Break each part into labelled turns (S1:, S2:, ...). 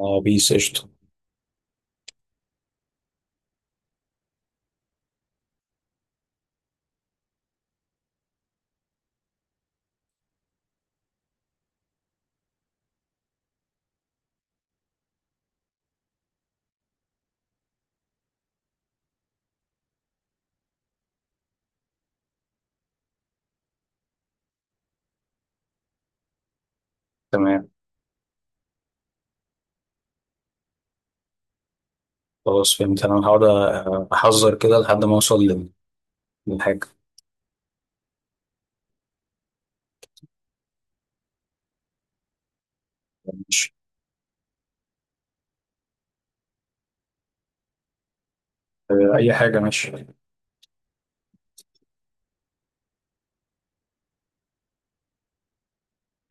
S1: اه، بيس قشطة، تمام. خلاص فهمت، انا هقعد احذر كده لحد ما اوصل للحاجة. ماشي. اي حاجة ماشي.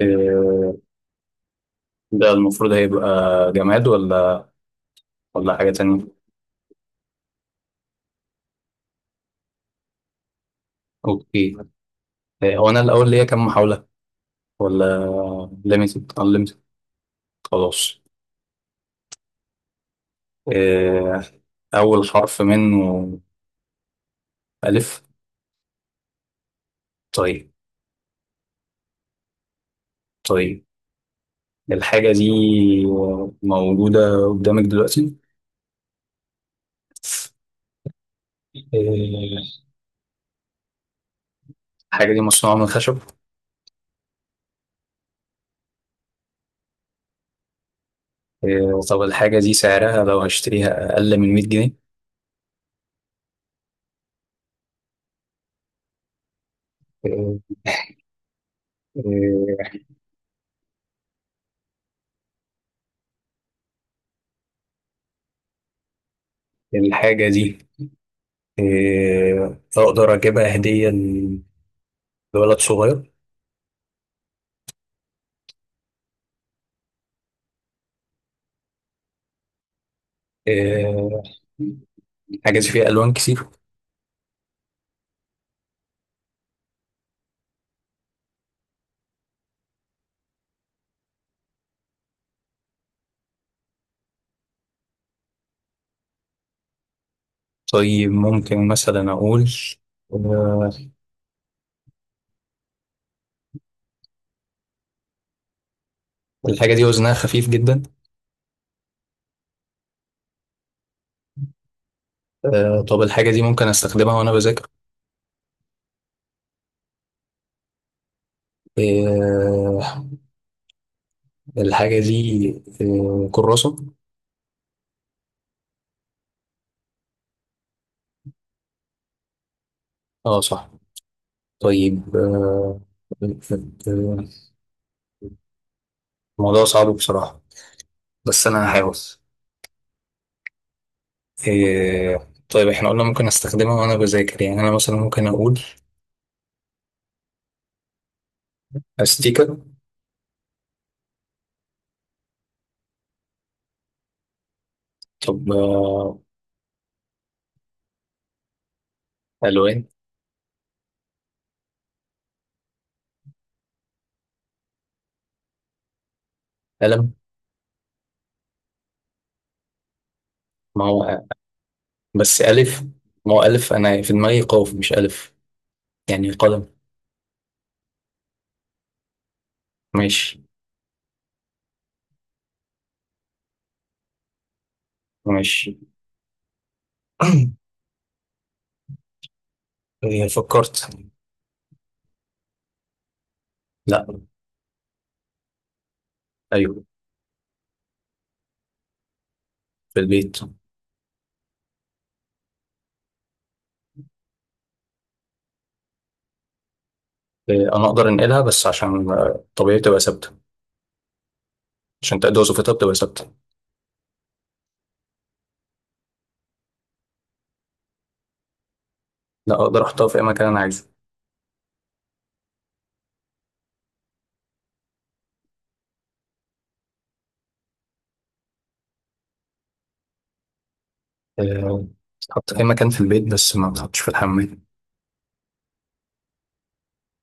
S1: آه، ده المفروض هيبقى جماد ولا حاجة تانية؟ اوكي. هو انا الاول ليا كام محاولة ولا؟ ليميتد انليميتد؟ خلاص. آه، اول حرف منه الف. طيب، طيب، الحاجة دي موجودة قدامك دلوقتي؟ آه، الحاجة دي مصنوعة من خشب؟ إيه. طب الحاجة دي سعرها لو هشتريها أقل من 100 جنيه؟ إيه، إيه، الحاجة دي، إيه، أقدر أجيبها هدية لولد صغير؟ إيه. الحاجة دي فيها ألوان كتير؟ طيب، ممكن مثلا أقول، آه، الحاجة دي وزنها خفيف جدا؟ طب الحاجة دي ممكن أستخدمها وأنا بذاكر؟ آه، الحاجة دي كراسة؟ اه، صح. طيب، آه، آه، آه، الموضوع صعب بصراحة، بس انا هحاول. إيه. طيب، احنا قلنا ممكن استخدمها وانا بذاكر، يعني انا مثلا ممكن اقول استيكر. طب. الوان. قلم. ما هو بس الف، ما هو الف انا في دماغي قاف مش الف، يعني قلم. ماشي. ماشي. إيه، فكرت. لا. ايوه، في البيت. إيه، انا اقدر انقلها بس عشان طبيعي تبقى ثابته. عشان تأدي وظيفتها بتبقى ثابته. لا، اقدر احطها في اي مكان انا عايزه. إيه، تحط في اي مكان في البيت بس ما تحطش في الحمام.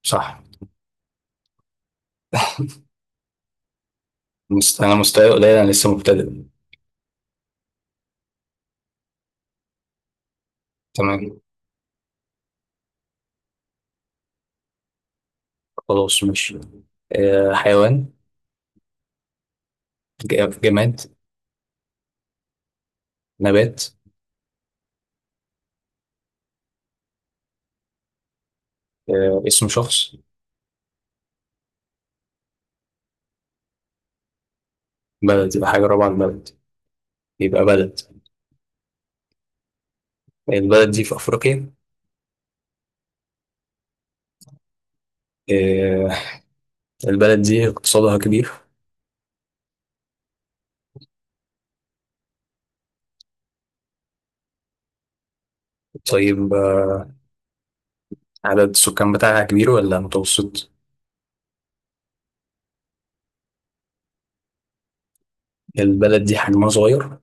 S1: صح. أنا مستواي قليل، أنا لسه مبتدئ. تمام. خلاص، ماشي. حيوان؟ جماد؟ نبات؟ اسم شخص؟ بلد، يبقى حاجة رابعة البلد، يبقى بلد. البلد دي في أفريقيا؟ آه البلد دي اقتصادها كبير؟ طيب. عدد السكان بتاعها كبير ولا متوسط؟ البلد دي حجمها صغير؟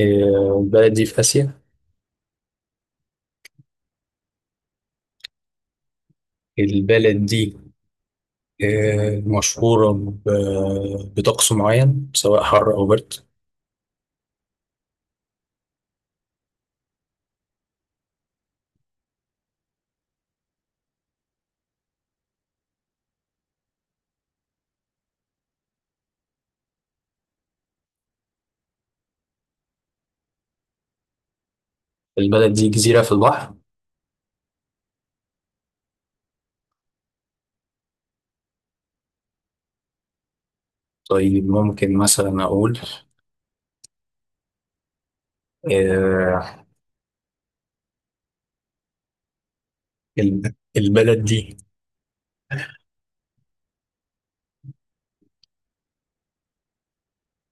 S1: البلد دي في آسيا؟ البلد دي مشهورة بطقس معين سواء حر أو برد؟ البلد دي جزيرة في البحر؟ طيب، ممكن مثلا أقول، آه، البلد دي.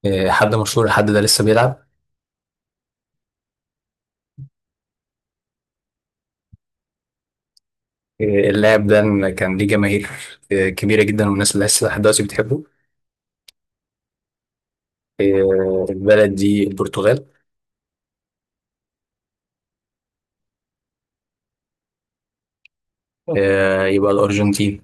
S1: حد مشهور، الحد ده لسه بيلعب؟ آه، اللاعب ده كان ليه جماهير كبيرة جدا، والناس لسه لحد دلوقتي بتحبه؟ البلد دي البرتغال؟ يبقى الأرجنتين؟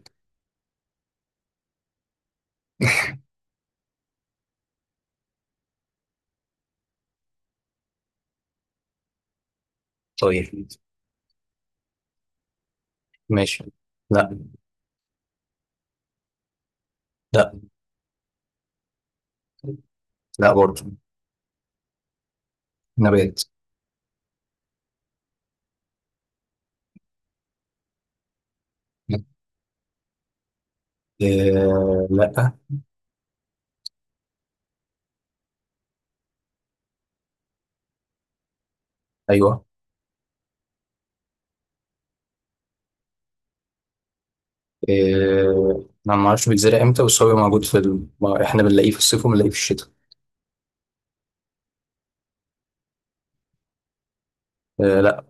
S1: طيب. ماشي. لا. لا. لا برضه. نبات. لا. ايوه. انا ما اعرفش بيتزرع امتى، بس هو موجود ما احنا بنلاقيه في الصيف وبنلاقيه في الشتاء. لا.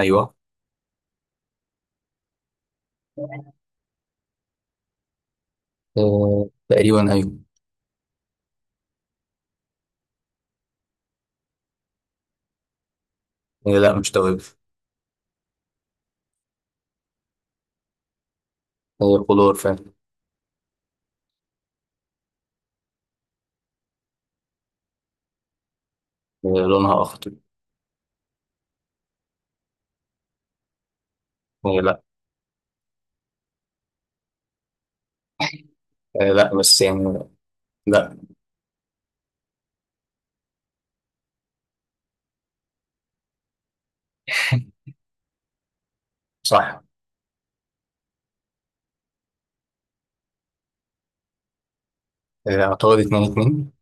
S1: ايوه. تقريبا أيوة. لا، مش توابل. خضار فعلا. لونها أخضر. لا. لا، بس يعني. لا. صح. أعتقد 2-2.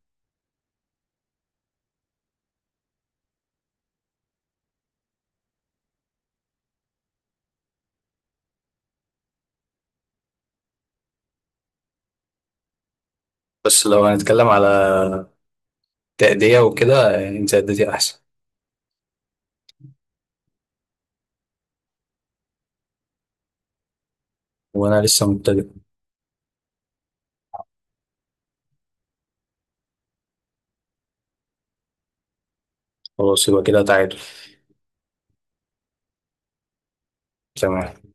S1: بس لو هنتكلم على تأدية وكده، أنت أديتي أحسن. وأنا لسه مبتدئ. خلاص، يبقى كده تعادل. تمام.